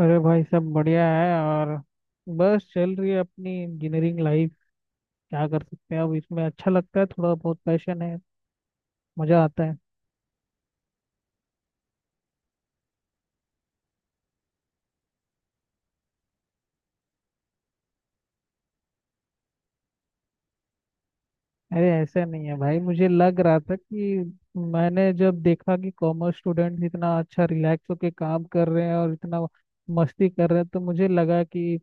अरे भाई सब बढ़िया है। और बस चल रही है अपनी इंजीनियरिंग लाइफ। क्या कर सकते हैं अब इसमें। अच्छा लगता है, थोड़ा बहुत पैशन है। मजा आता है। अरे ऐसा नहीं है भाई। मुझे लग रहा था कि मैंने जब देखा कि कॉमर्स स्टूडेंट इतना अच्छा रिलैक्स होके काम कर रहे हैं और इतना मस्ती कर रहे हैं, तो मुझे लगा कि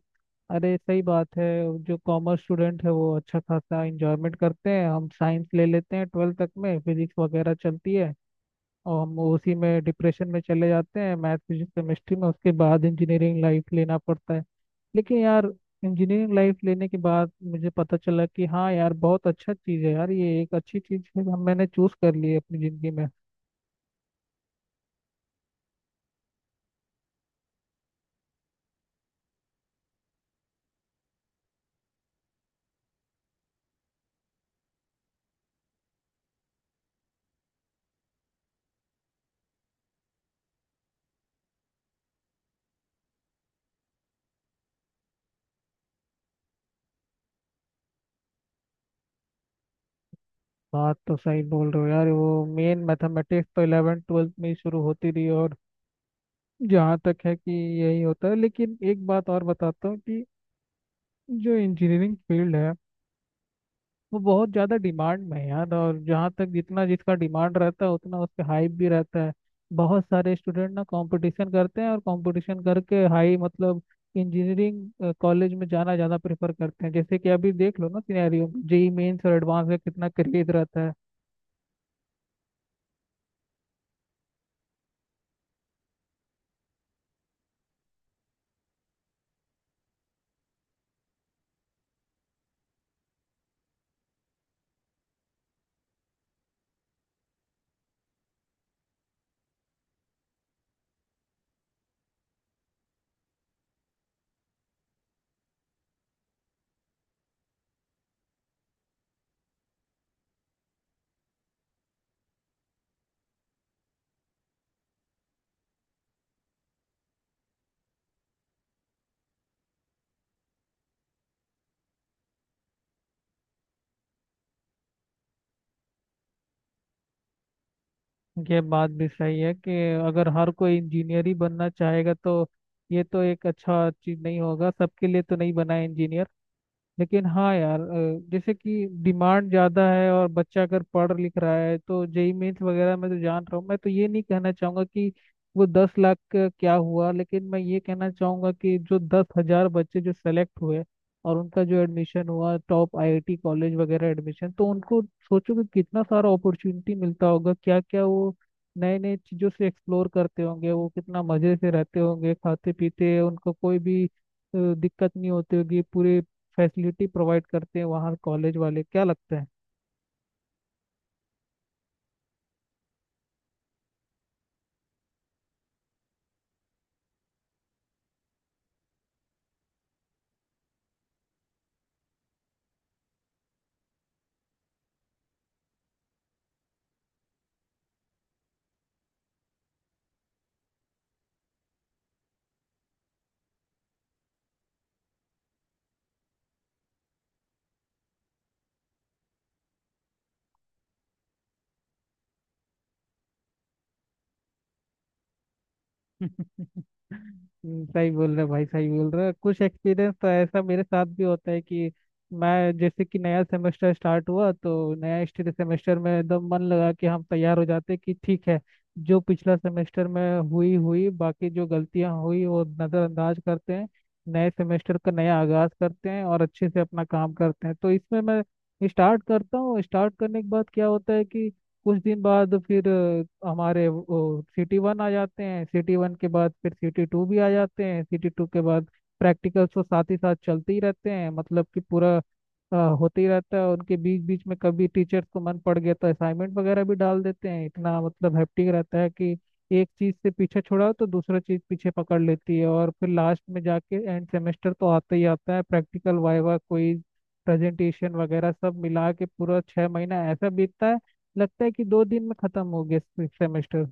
अरे सही बात है। जो कॉमर्स स्टूडेंट है वो अच्छा खासा इंजॉयमेंट करते हैं। हम साइंस ले लेते हैं, ट्वेल्थ तक में फिजिक्स वगैरह चलती है, और हम उसी में डिप्रेशन में चले जाते हैं, मैथ फिजिक्स केमिस्ट्री में। उसके बाद इंजीनियरिंग लाइफ लेना पड़ता है। लेकिन यार इंजीनियरिंग लाइफ लेने के बाद मुझे पता चला कि हाँ यार बहुत अच्छा चीज़ है यार, ये एक अच्छी चीज़ है, हम मैंने चूज कर ली है अपनी ज़िंदगी में। बात तो सही बोल रहे हो यार। वो मेन मैथमेटिक्स तो 11th 12th में ही शुरू होती रही। और जहाँ तक है कि यही होता है, लेकिन एक बात और बताता हूँ कि जो इंजीनियरिंग फील्ड है वो बहुत ज़्यादा डिमांड में है यार। और जहाँ तक जितना जिसका डिमांड रहता है उतना उसके हाइप भी रहता है। बहुत सारे स्टूडेंट ना कंपटीशन करते हैं और कंपटीशन करके हाई मतलब इंजीनियरिंग कॉलेज में जाना ज़्यादा प्रेफर करते हैं। जैसे कि अभी देख लो ना सिनेरियो, जेई मेंस और एडवांस में कितना क्रेज रहता है। ये बात भी सही है कि अगर हर कोई इंजीनियर ही बनना चाहेगा तो ये तो एक अच्छा चीज़ नहीं होगा, सबके लिए तो नहीं बना है इंजीनियर। लेकिन हाँ यार, जैसे कि डिमांड ज़्यादा है और बच्चा अगर पढ़ लिख रहा है तो जेई मेंस वगैरह मैं तो जान रहा हूँ। मैं तो ये नहीं कहना चाहूँगा कि वो 10 लाख का क्या हुआ, लेकिन मैं ये कहना चाहूँगा कि जो 10 हजार बच्चे जो सेलेक्ट हुए और उनका जो एडमिशन हुआ टॉप आईआईटी कॉलेज वगैरह एडमिशन तो उनको, सोचो कि कितना सारा अपॉर्चुनिटी मिलता होगा। क्या क्या वो नए नए चीज़ों से एक्सप्लोर करते होंगे। वो कितना मज़े से रहते होंगे खाते पीते। उनको कोई भी दिक्कत नहीं होती होगी। पूरे फैसिलिटी प्रोवाइड करते हैं वहाँ कॉलेज वाले। क्या लगता है? सही बोल रहे भाई, सही बोल रहे। कुछ एक्सपीरियंस तो ऐसा मेरे साथ भी होता है कि मैं जैसे कि नया सेमेस्टर स्टार्ट हुआ तो नया सेमेस्टर में एकदम मन लगा कि हम तैयार हो जाते कि ठीक है, जो पिछला सेमेस्टर में हुई हुई बाकी जो गलतियां हुई वो नज़रअंदाज करते हैं, नए सेमेस्टर का नया आगाज करते हैं और अच्छे से अपना काम करते हैं। तो इसमें मैं स्टार्ट करता हूँ। स्टार्ट करने के बाद क्या होता है कि कुछ दिन बाद फिर हमारे सिटी वन आ जाते हैं, सिटी वन के बाद फिर सिटी टू भी आ जाते हैं, सिटी टू के बाद प्रैक्टिकल्स तो साथ ही साथ चलते ही रहते हैं। मतलब कि पूरा होते ही रहता है। उनके बीच बीच में कभी टीचर्स को मन पड़ गया तो असाइनमेंट वगैरह भी डाल देते हैं। इतना मतलब हैप्टिक रहता है कि एक चीज से पीछे छुड़ाओ तो दूसरा चीज पीछे पकड़ लेती है। और फिर लास्ट में जाके एंड सेमेस्टर तो आता ही आता है, प्रैक्टिकल वाइवा कोई प्रेजेंटेशन वगैरह सब मिला के पूरा 6 महीना ऐसा बीतता है। लगता है कि दो दिन में खत्म हो गया सेमेस्टर।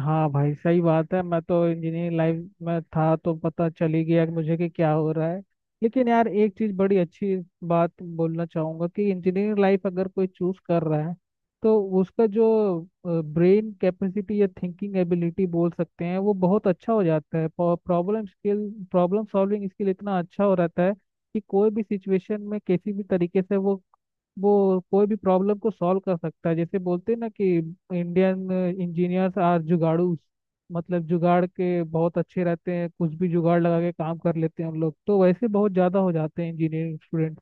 हाँ भाई सही बात है। मैं तो इंजीनियरिंग लाइफ में था तो पता चल ही गया कि मुझे कि क्या हो रहा है। लेकिन यार एक चीज बड़ी अच्छी बात बोलना चाहूंगा कि इंजीनियरिंग लाइफ अगर कोई चूज कर रहा है तो उसका जो ब्रेन कैपेसिटी या थिंकिंग एबिलिटी बोल सकते हैं वो बहुत अच्छा हो जाता है। Problem skill problem solving skill इतना अच्छा हो रहता है कि कोई भी सिचुएशन में किसी भी तरीके से वो कोई भी प्रॉब्लम को सॉल्व कर सकता है। जैसे बोलते हैं ना कि इंडियन इंजीनियर्स आर जुगाड़ू। मतलब जुगाड़ के बहुत अच्छे रहते हैं, कुछ भी जुगाड़ लगा के काम कर लेते हैं हम लोग तो, वैसे बहुत ज़्यादा हो जाते हैं इंजीनियरिंग स्टूडेंट।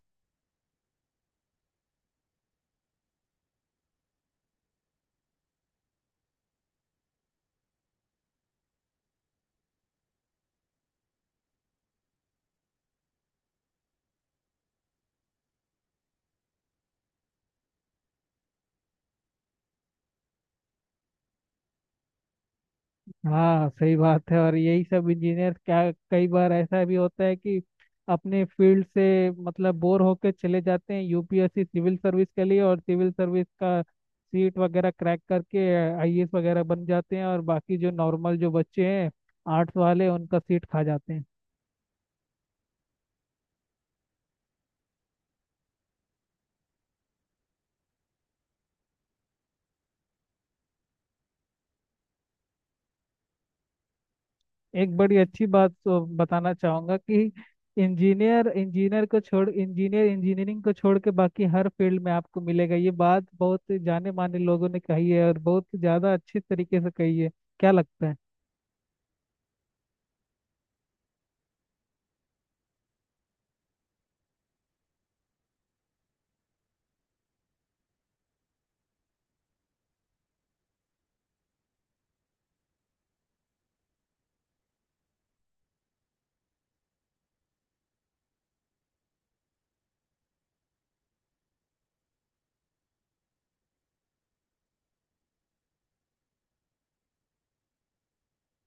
हाँ सही बात है। और यही सब इंजीनियर क्या, कई बार ऐसा भी होता है कि अपने फील्ड से मतलब बोर होकर चले जाते हैं यूपीएससी सिविल सर्विस के लिए, और सिविल सर्विस का सीट वगैरह क्रैक करके आईएएस वगैरह बन जाते हैं और बाकी जो नॉर्मल जो बच्चे हैं आर्ट्स वाले उनका सीट खा जाते हैं। एक बड़ी अच्छी बात तो बताना चाहूंगा कि इंजीनियर इंजीनियर को छोड़ इंजीनियर इंजीनियरिंग को छोड़ के बाकी हर फील्ड में आपको मिलेगा, ये बात बहुत जाने माने लोगों ने कही है और बहुत ज्यादा अच्छे तरीके से कही है। क्या लगता है?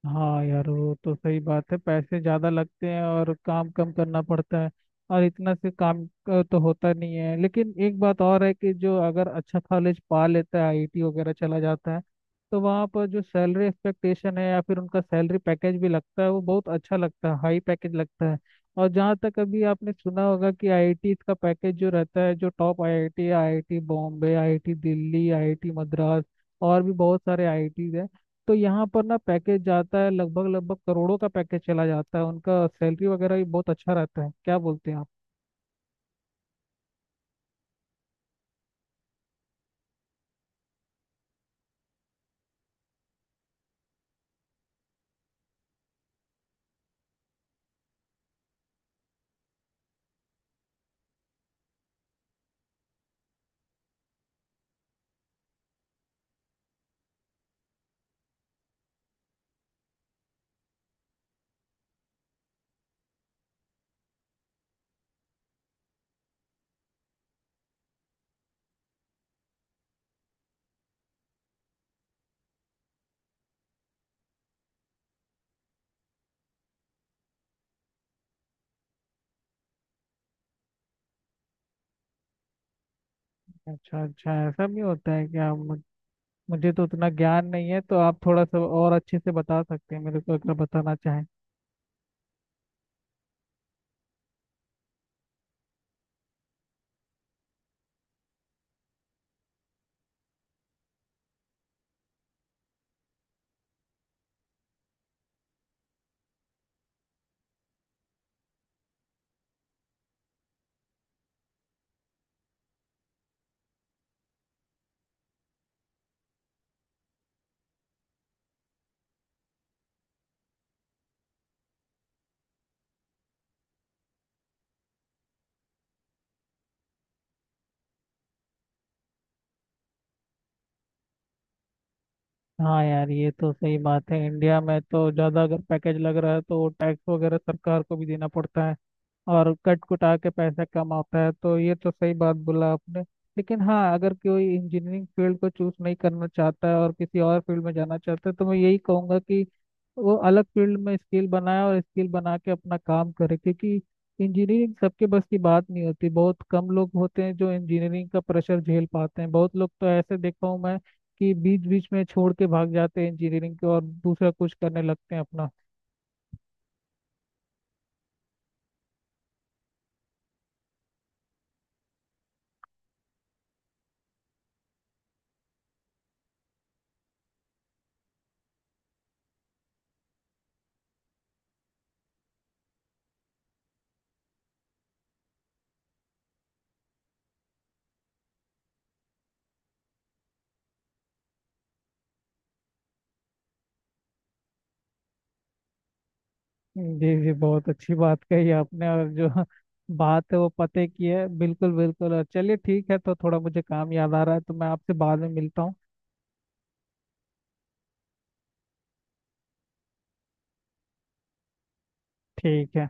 हाँ यार वो तो सही बात है, पैसे ज़्यादा लगते हैं और काम कम करना पड़ता है। और इतना से काम का तो होता नहीं है, लेकिन एक बात और है कि जो अगर अच्छा कॉलेज पा लेता है, आईआईटी वगैरह चला जाता है, तो वहाँ पर जो सैलरी एक्सपेक्टेशन है या फिर उनका सैलरी पैकेज भी लगता है वो बहुत अच्छा लगता है, हाई पैकेज लगता है। और जहाँ तक अभी आपने सुना होगा कि आईआईटी का पैकेज जो रहता है, जो top IIT, IIT Bombay, IIT Delhi, IIT Madras और भी बहुत सारे आईआईटीज, तो यहाँ पर ना पैकेज जाता है लगभग लगभग करोड़ों का पैकेज चला जाता है। उनका सैलरी वगैरह भी बहुत अच्छा रहता है। क्या बोलते हैं आप? अच्छा अच्छा ऐसा भी होता है क्या? मुझे तो उतना ज्ञान नहीं है, तो आप थोड़ा सा और अच्छे से बता सकते हैं मेरे को, अगर बताना चाहें। हाँ यार ये तो सही बात है। इंडिया में तो ज़्यादा अगर पैकेज लग रहा है तो वो टैक्स वगैरह सरकार को भी देना पड़ता है, और कट कुटा के पैसा कम आता है, तो ये तो सही बात बोला आपने। लेकिन हाँ, अगर कोई इंजीनियरिंग फील्ड को चूज नहीं करना चाहता है और किसी और फील्ड में जाना चाहता है तो मैं यही कहूँगा कि वो अलग फील्ड में स्किल बनाए और स्किल बना के अपना काम करे, क्योंकि इंजीनियरिंग सबके बस की बात नहीं होती। बहुत कम लोग होते हैं जो इंजीनियरिंग का प्रेशर झेल पाते हैं। बहुत लोग तो ऐसे देखा हूँ मैं कि बीच बीच में छोड़ के भाग जाते हैं इंजीनियरिंग के और दूसरा कुछ करने लगते हैं अपना। जी जी बहुत अच्छी बात कही आपने, और जो बात है वो पते की है, बिल्कुल बिल्कुल। और चलिए ठीक है, तो थोड़ा मुझे काम याद आ रहा है, तो मैं आपसे बाद में मिलता हूँ। ठीक है।